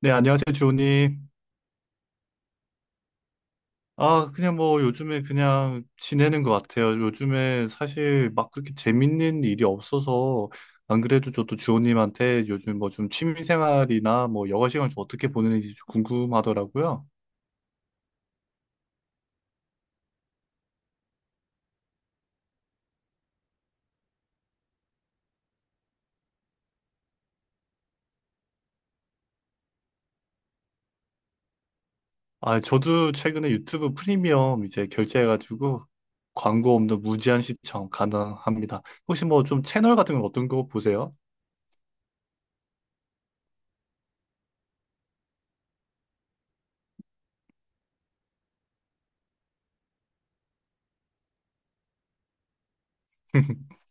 네, 안녕하세요, 주호님. 그냥 뭐 요즘에 그냥 지내는 것 같아요. 요즘에 사실 막 그렇게 재밌는 일이 없어서 안 그래도 저도 주호님한테 요즘 뭐 좀 취미 생활이나 뭐 여가 시간을 좀 어떻게 보내는지 좀 궁금하더라고요. 저도 최근에 유튜브 프리미엄 이제 결제해가지고 광고 없는 무제한 시청 가능합니다. 혹시 뭐 좀 채널 같은 건 어떤 거 보세요?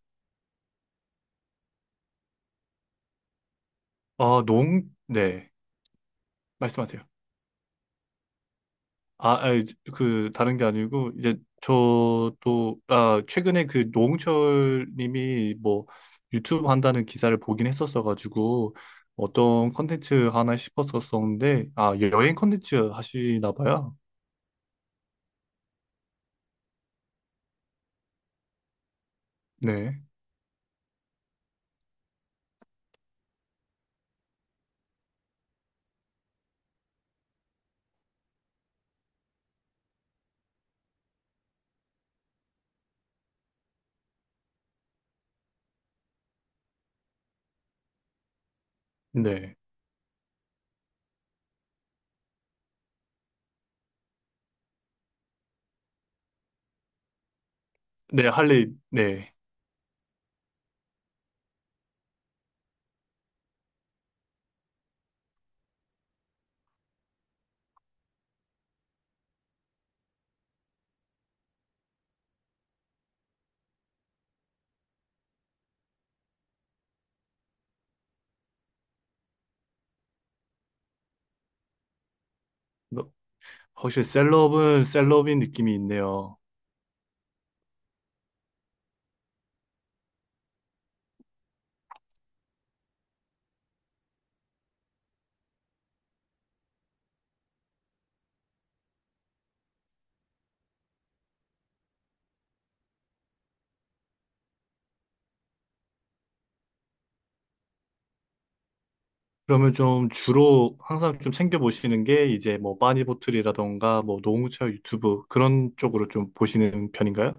네, 말씀하세요. 아, 아니, 그, 다른 게 아니고, 이제, 저도, 최근에 그 노홍철 님이 뭐, 유튜브 한다는 기사를 보긴 했었어가지고, 어떤 컨텐츠 하나 싶었었는데, 여행 컨텐츠 하시나 봐요. 네, 네. 네, 할리, 네. 너- 확실히 셀럽은 셀럽인 느낌이 있네요. 그러면 좀 주로 항상 좀 챙겨보시는 게, 이제 뭐, 빠니보틀이라던가, 뭐, 노홍철 유튜브, 그런 쪽으로 좀 보시는 편인가요?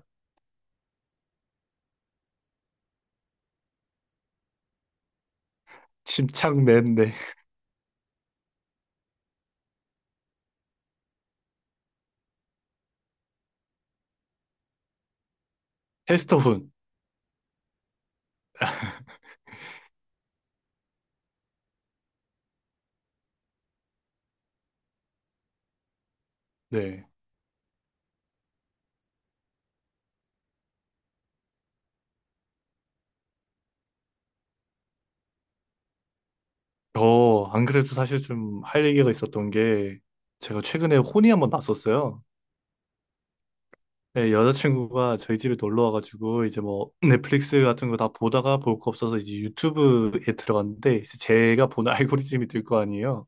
침착맨네. 테스터훈. 네. 저, 안 그래도 사실 좀 할 얘기가 있었던 게, 제가 최근에 혼이 한번 났었어요. 네, 여자친구가 저희 집에 놀러 와가지고, 이제 뭐, 넷플릭스 같은 거 다 보다가 볼 거 없어서 이제 유튜브에 들어갔는데, 이제 제가 보는 알고리즘이 될 거 아니에요.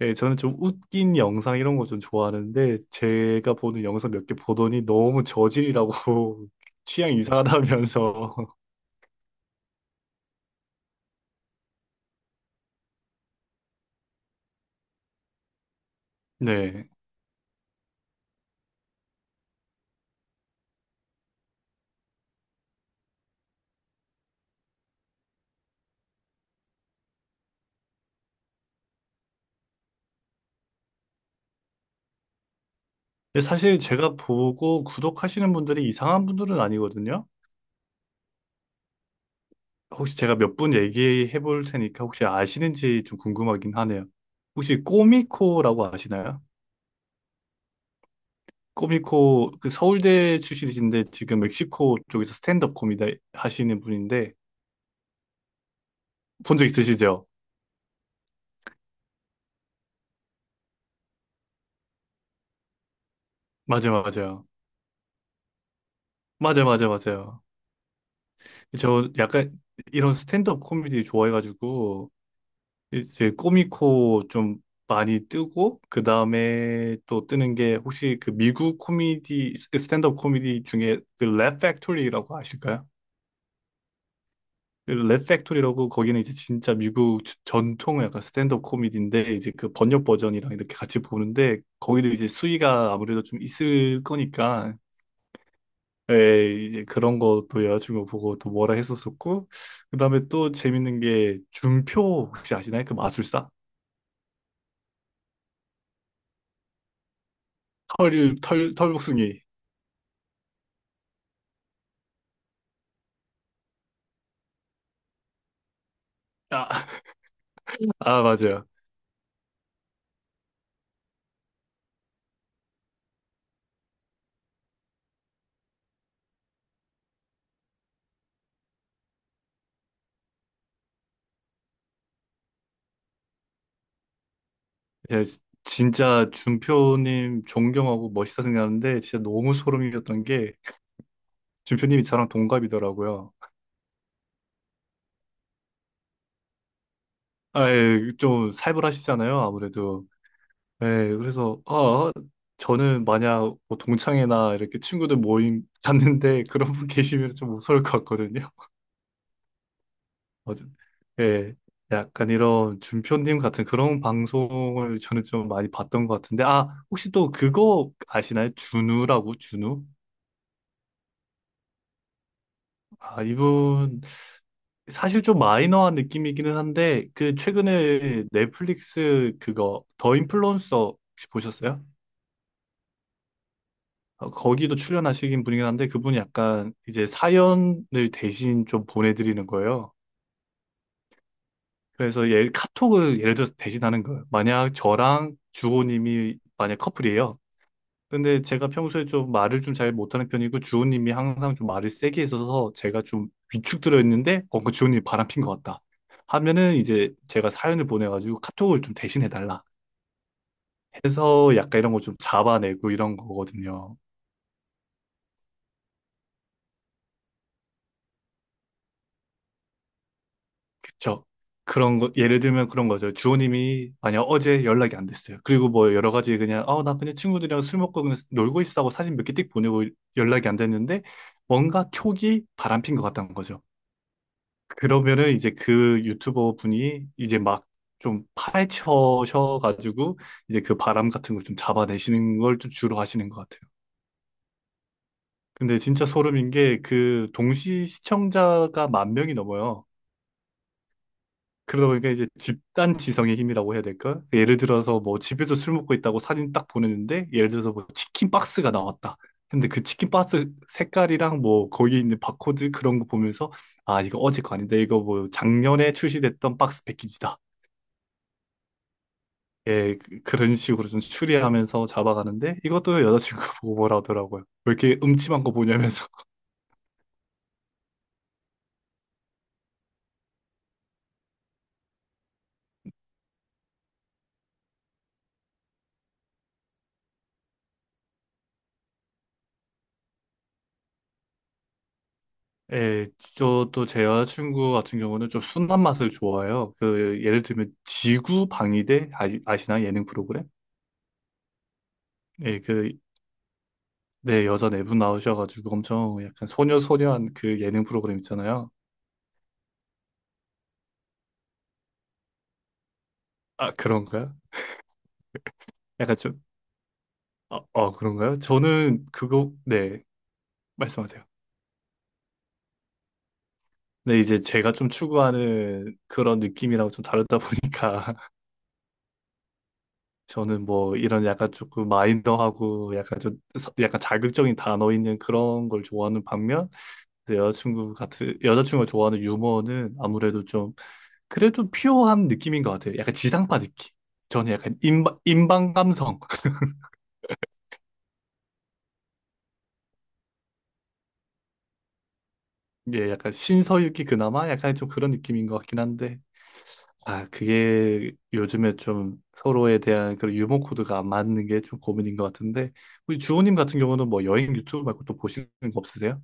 네, 저는 좀 웃긴 영상 이런 거 좀 좋아하는데, 제가 보는 영상 몇 개 보더니 너무 저질이라고, 취향 이상하다면서. 네. 근데 사실 제가 보고 구독하시는 분들이 이상한 분들은 아니거든요. 혹시 제가 몇 분 얘기해 볼 테니까 혹시 아시는지 좀 궁금하긴 하네요. 혹시 꼬미코라고 아시나요? 꼬미코 그 서울대 출신이신데 지금 멕시코 쪽에서 스탠드업 코미디 하시는 분인데 본 적 있으시죠? 맞아요. 맞아요. 저 약간 이런 스탠드업 코미디 좋아해가지고 이제 꼬미코 좀 많이 뜨고 그 다음에 또 뜨는 게 혹시 그 미국 코미디 그 스탠드업 코미디 중에 그랩 팩토리라고 아실까요? 랩 팩토리라고 거기는 이제 진짜 미국 전통 약간 스탠드업 코미디인데 이제 그 번역 버전이랑 이렇게 같이 보는데 거기도 이제 수위가 아무래도 좀 있을 거니까 예, 이제 그런 것도 여자친구 보고 또 뭐라 했었었고 그다음에 또 재밌는 게 준표 혹시 아시나요? 그 마술사 털 털 털복숭이. 아, 맞아요. 예, 지- 진짜 준표님 존경하고 멋있다 생각하는데 진짜 너무 소름이었던 게 준표님이 저랑 동갑이더라고요. 아, 예, 좀 살벌하시잖아요, 아무래도. 예, 그래서 저는 만약 뭐 동창회나 이렇게 친구들 모임 갔는데 그런 분 계시면 좀 무서울 것 같거든요. 맞아. 예, 약간 이런 준표님 같은 그런 방송을 저는 좀 많이 봤던 것 같은데 혹시 또 그거 아시나요? 준우라고, 준우? 이분 사실 좀 마이너한 느낌이기는 한데 그 최근에 넷플릭스 그거 더 인플루언서 혹시 보셨어요? 어, 거기도 출연하시긴 분이긴 한데 그분이 약간 이제 사연을 대신 좀 보내드리는 거예요. 그래서 예, 카톡을 예를 들어서 대신하는 거예요. 만약 저랑 주호님이 만약 커플이에요. 근데 제가 평소에 좀 말을 좀 잘 못하는 편이고 주호님이 항상 좀 말을 세게 해어서 제가 좀 위축 들어있는데 어, 그 주호님이 바람핀 것 같다 하면은 이제 제가 사연을 보내가지고 카톡을 좀 대신해달라 해서 약간 이런 거 좀 잡아내고 이런 거거든요. 그쵸? 그런 거 예를 들면 그런 거죠. 주호님이 만약 어제 연락이 안 됐어요. 그리고 뭐 여러 가지 그냥 아 나 그냥 친구들이랑 술 먹고 그냥 놀고 있어 하고 사진 몇 개 띡 보내고 연락이 안 됐는데 뭔가 촉이 바람핀 것 같다는 거죠. 그러면은 이제 그 유튜버 분이 이제 막 좀 파헤쳐셔가지고 이제 그 바람 같은 걸 좀 잡아내시는 걸 좀 주로 하시는 것 같아요. 근데 진짜 소름인 게 그 동시 시청자가 만 명이 넘어요. 그러다 보니까 이제 집단 지성의 힘이라고 해야 될까? 예를 들어서 뭐 집에서 술 먹고 있다고 사진 딱 보내는데 예를 들어서 뭐 치킨 박스가 나왔다. 근데 그 치킨 박스 색깔이랑 뭐 거기 있는 바코드 그런 거 보면서 아 이거 어제 거 아닌데 이거 뭐 작년에 출시됐던 박스 패키지다. 그런 식으로 좀 추리하면서 잡아가는데 이것도 여자친구가 보고 뭐라 하더라고요. 왜 이렇게 음침한 거 보냐면서. 예, 저또 제 여자친구 같은 경우는 좀 순한 맛을 좋아해요. 그 예를 들면 지구 방위대 아시나 예능 프로그램? 예, 그 네, 여자 네 분 나오셔가지고 엄청 약간 소녀소녀한 그 예능 프로그램 있잖아요. 아, 그런가요? 약간 좀, 어, 어, 그런가요? 말씀하세요. 네, 이제 제가 좀 추구하는 그런 느낌이랑 좀 다르다 보니까 저는 뭐 이런 약간 조금 마이너하고 약간 좀 약간 자극적인 단어 있는 그런 걸 좋아하는 반면 이제 여자친구가 좋아하는 유머는 아무래도 좀 그래도 퓨어한 느낌인 것 같아요. 약간 지상파 느낌. 저는 약간 인방 인방 감성. 예, 약간 신서유기 그나마 약간 좀 그런 느낌인 것 같긴 한데 아 그게 요즘에 좀 서로에 대한 그런 유머 코드가 안 맞는 게 좀 고민인 것 같은데 우리 주호님 같은 경우는 뭐 여행 유튜브 말고 또 보시는 거 없으세요?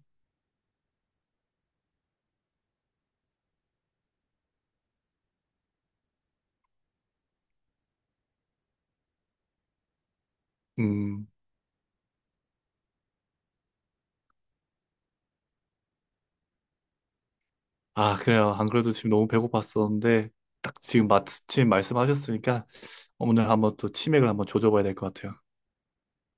음. 아, 그래요. 안 그래도 지금 너무 배고팠었는데, 딱 지금 마침 말씀하셨으니까, 오늘 한번 또 치맥을 한번 조져봐야 될 것 같아요.